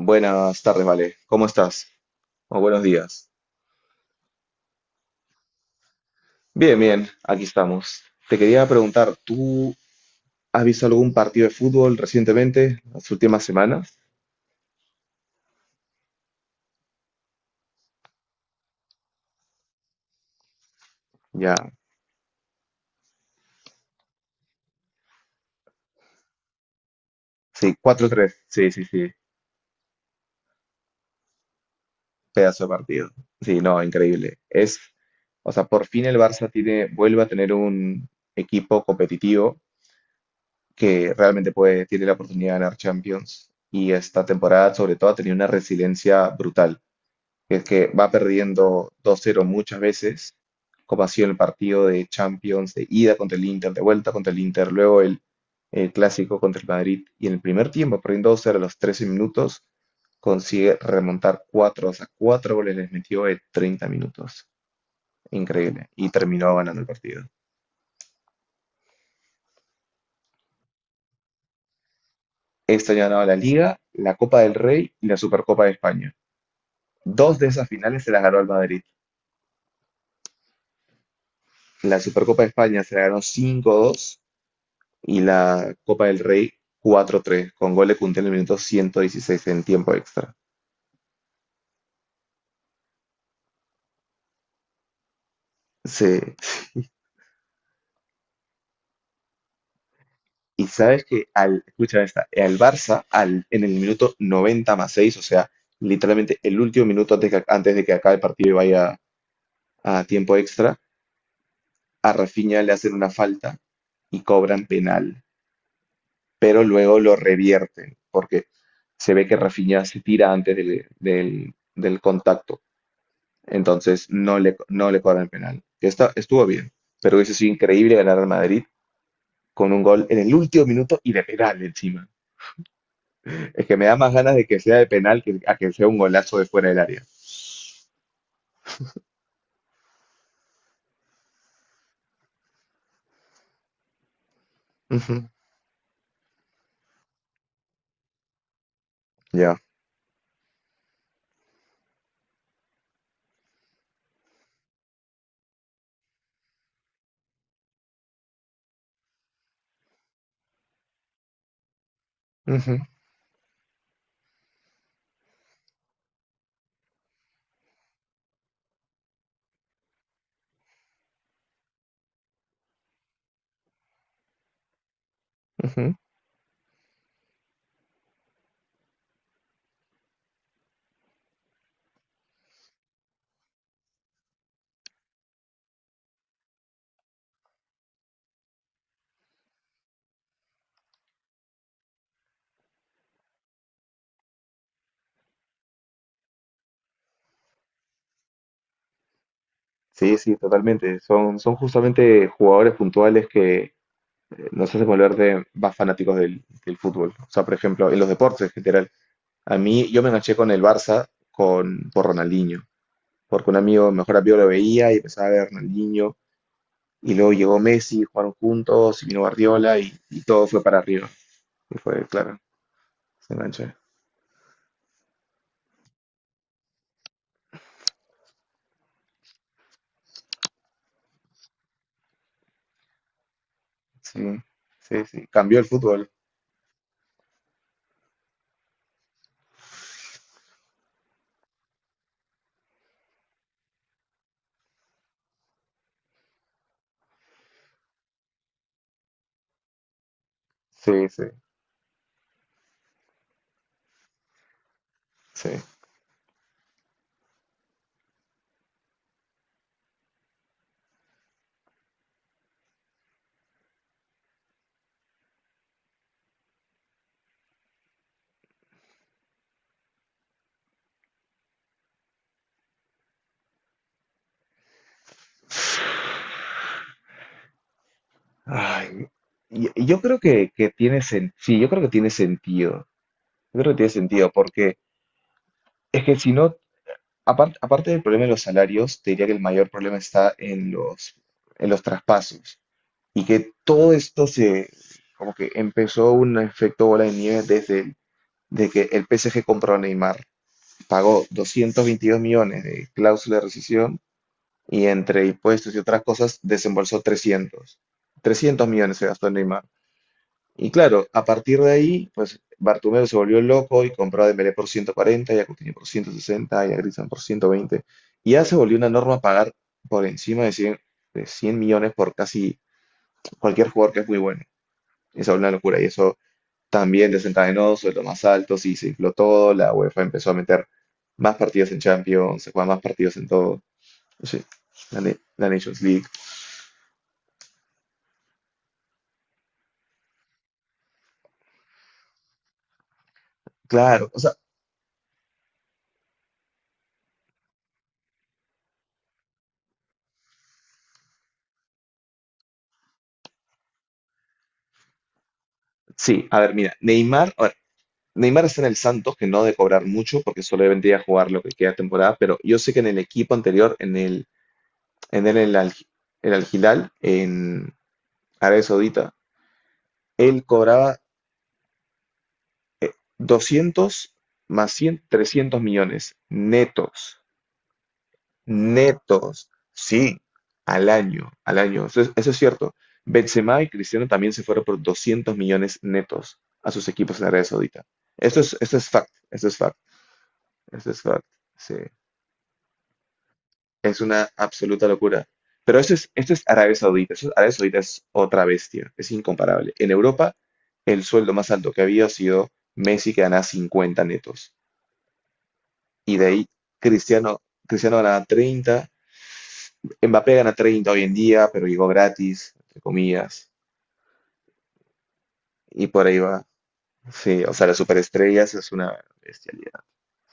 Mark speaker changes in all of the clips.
Speaker 1: Buenas tardes, Vale. ¿Cómo estás? O buenos días. Bien, bien, aquí estamos. Te quería preguntar, ¿tú has visto algún partido de fútbol recientemente, las últimas semanas? Ya. Sí, 4-3. Sí, sí, sí. Pedazo de partido. Sí, no, increíble. O sea, por fin el Barça tiene, vuelve a tener un equipo competitivo que realmente puede, tiene la oportunidad de ganar Champions. Y esta temporada, sobre todo, ha tenido una resiliencia brutal, que es que va perdiendo 2-0 muchas veces, como ha sido el partido de Champions de ida contra el Inter, de vuelta contra el Inter, luego el clásico contra el Madrid, y en el primer tiempo, perdiendo 2-0 a los 13 minutos, consigue remontar 4, o sea, 4 goles les metió en 30 minutos. Increíble. Y terminó ganando el partido. Este año ha la Liga, la Copa del Rey y la Supercopa de España. Dos de esas finales se las ganó el Madrid. La Supercopa de España se la ganó 5-2 y la Copa del Rey 4-3 con gol de Kunté en el minuto 116 en tiempo extra. Sí. Y sabes que escucha esta, al Barça en el minuto 90+6, o sea, literalmente el último minuto antes, antes de que acabe el partido y vaya a tiempo extra, a Rafinha le hacen una falta y cobran penal, pero luego lo revierten porque se ve que Rafinha se tira antes del, del contacto. Entonces no le cobran penal. Que estuvo bien, pero hubiese sido increíble ganar al Madrid con un gol en el último minuto y de penal encima. Es que me da más ganas de que sea de penal que a que sea un golazo de fuera del área. Ujú, ya. Ujú, ujú. Sí, sí, totalmente. Son justamente jugadores puntuales que nos hacen volverte más fanáticos del fútbol. O sea, por ejemplo, en los deportes en general. A mí, yo me enganché con el Barça con, por Ronaldinho, porque un amigo, mejor amigo lo veía y empezaba a ver Ronaldinho. Y luego llegó Messi, jugaron juntos, y vino Guardiola y todo fue para arriba. Y fue, claro, se enganchó. Sí, sí, sí. Cambió el fútbol. Sí, sí, sí. Ay, y yo creo sí, yo creo que tiene sentido. Yo creo que tiene sentido porque es que si no, aparte del problema de los salarios, te diría que el mayor problema está en los traspasos. Y que todo esto como que empezó un efecto bola de nieve de que el PSG compró a Neymar, pagó 222 millones de cláusula de rescisión y entre impuestos y otras cosas desembolsó 300. 300 millones se gastó en Neymar. Y claro, a partir de ahí, pues Bartomeu se volvió loco y compró a Dembélé por 140, y a Coutinho por 160 y a Griezmann por 120. Y ya se volvió una norma pagar por encima de 100, de 100 millones por casi cualquier jugador que es muy bueno. Esa es una locura y eso también desencadenó sueldos más altos y se infló todo. La UEFA empezó a meter más partidos en Champions, se juegan más partidos en todo. Sí, la Nations League. Claro, o sea, sí. A ver, mira, Neymar, a ver, Neymar está en el Santos, que no de cobrar mucho, porque solo vendría a jugar lo que queda de temporada, pero yo sé que en el equipo anterior, en el Al Hilal, en Arabia Saudita, él cobraba 200 más 100, 300 millones netos. Netos, sí, al año, al año. Eso es cierto. Benzema y Cristiano también se fueron por 200 millones netos a sus equipos en Arabia Saudita. Esto es fact, esto es fact, esto es fact. Sí, es una absoluta locura. Pero esto es Arabia Saudita. Arabia Saudita es otra bestia, es incomparable. En Europa, el sueldo más alto que había sido Messi, que ganaba 50 netos. Y de ahí Cristiano, Cristiano ganaba 30, Mbappé gana 30 hoy en día, pero llegó gratis, entre comillas, y por ahí va. Sí, o sea, las superestrellas es una bestialidad.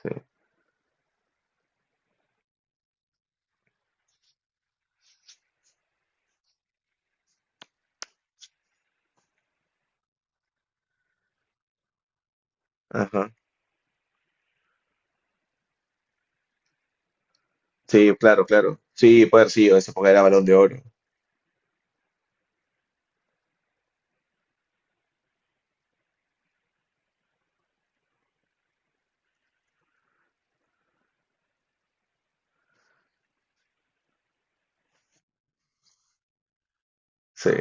Speaker 1: Sí, ajá. Sí, claro, claro. Sí, puede haber sido, esa época era Balón de Oro. Sí,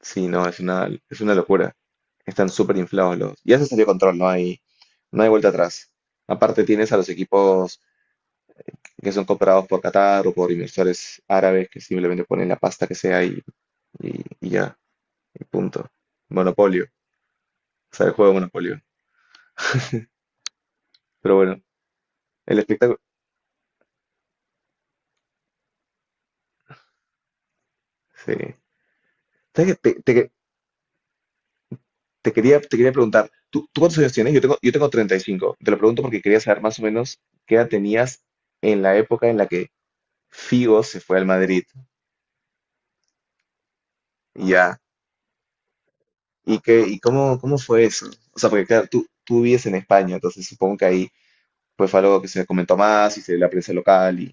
Speaker 1: sí, no, es una locura. Están súper inflados los. Ya se salió de control, no hay vuelta atrás. Aparte tienes a los equipos que son comprados por Qatar o por inversores árabes que simplemente ponen la pasta que sea y ya, y punto. Monopolio, o sea, el juego de Monopolio. Pero bueno, el espectáculo. Sí. ¿Sabes qué? Te quería preguntar, ¿tú cuántos años tienes? Yo tengo 35. Te lo pregunto porque quería saber más o menos qué edad tenías en la época en la que Figo se fue al Madrid. Y ya. ¿Cómo fue eso? O sea, porque claro, tú vives en España, entonces supongo que ahí pues fue algo que se comentó más y se la prensa local y.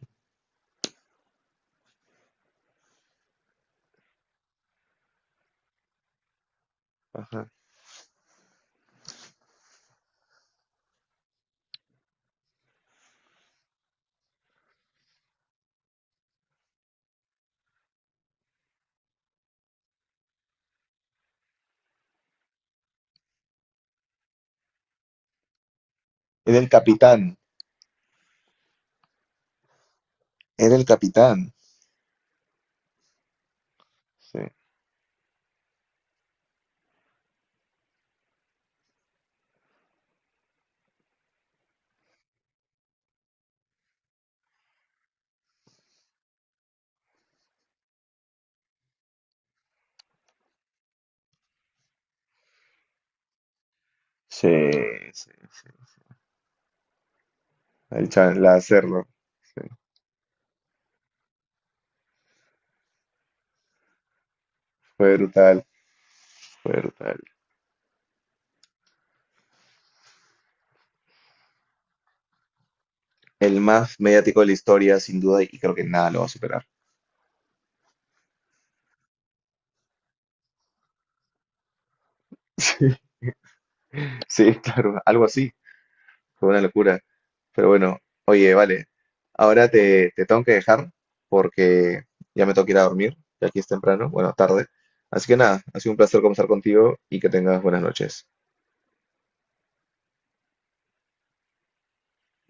Speaker 1: Ajá. Era el capitán. Era el capitán. Sí. Sí, sí, sí. La hacerlo. Fue brutal. Verdad. El más mediático de la historia, sin duda, y creo que nada lo va a superar. Sí. Sí, claro, algo así. Fue una locura. Pero bueno, oye, vale. Ahora te tengo que dejar porque ya me tengo que ir a dormir. Ya aquí es temprano, bueno, tarde. Así que nada, ha sido un placer conversar contigo y que tengas buenas noches.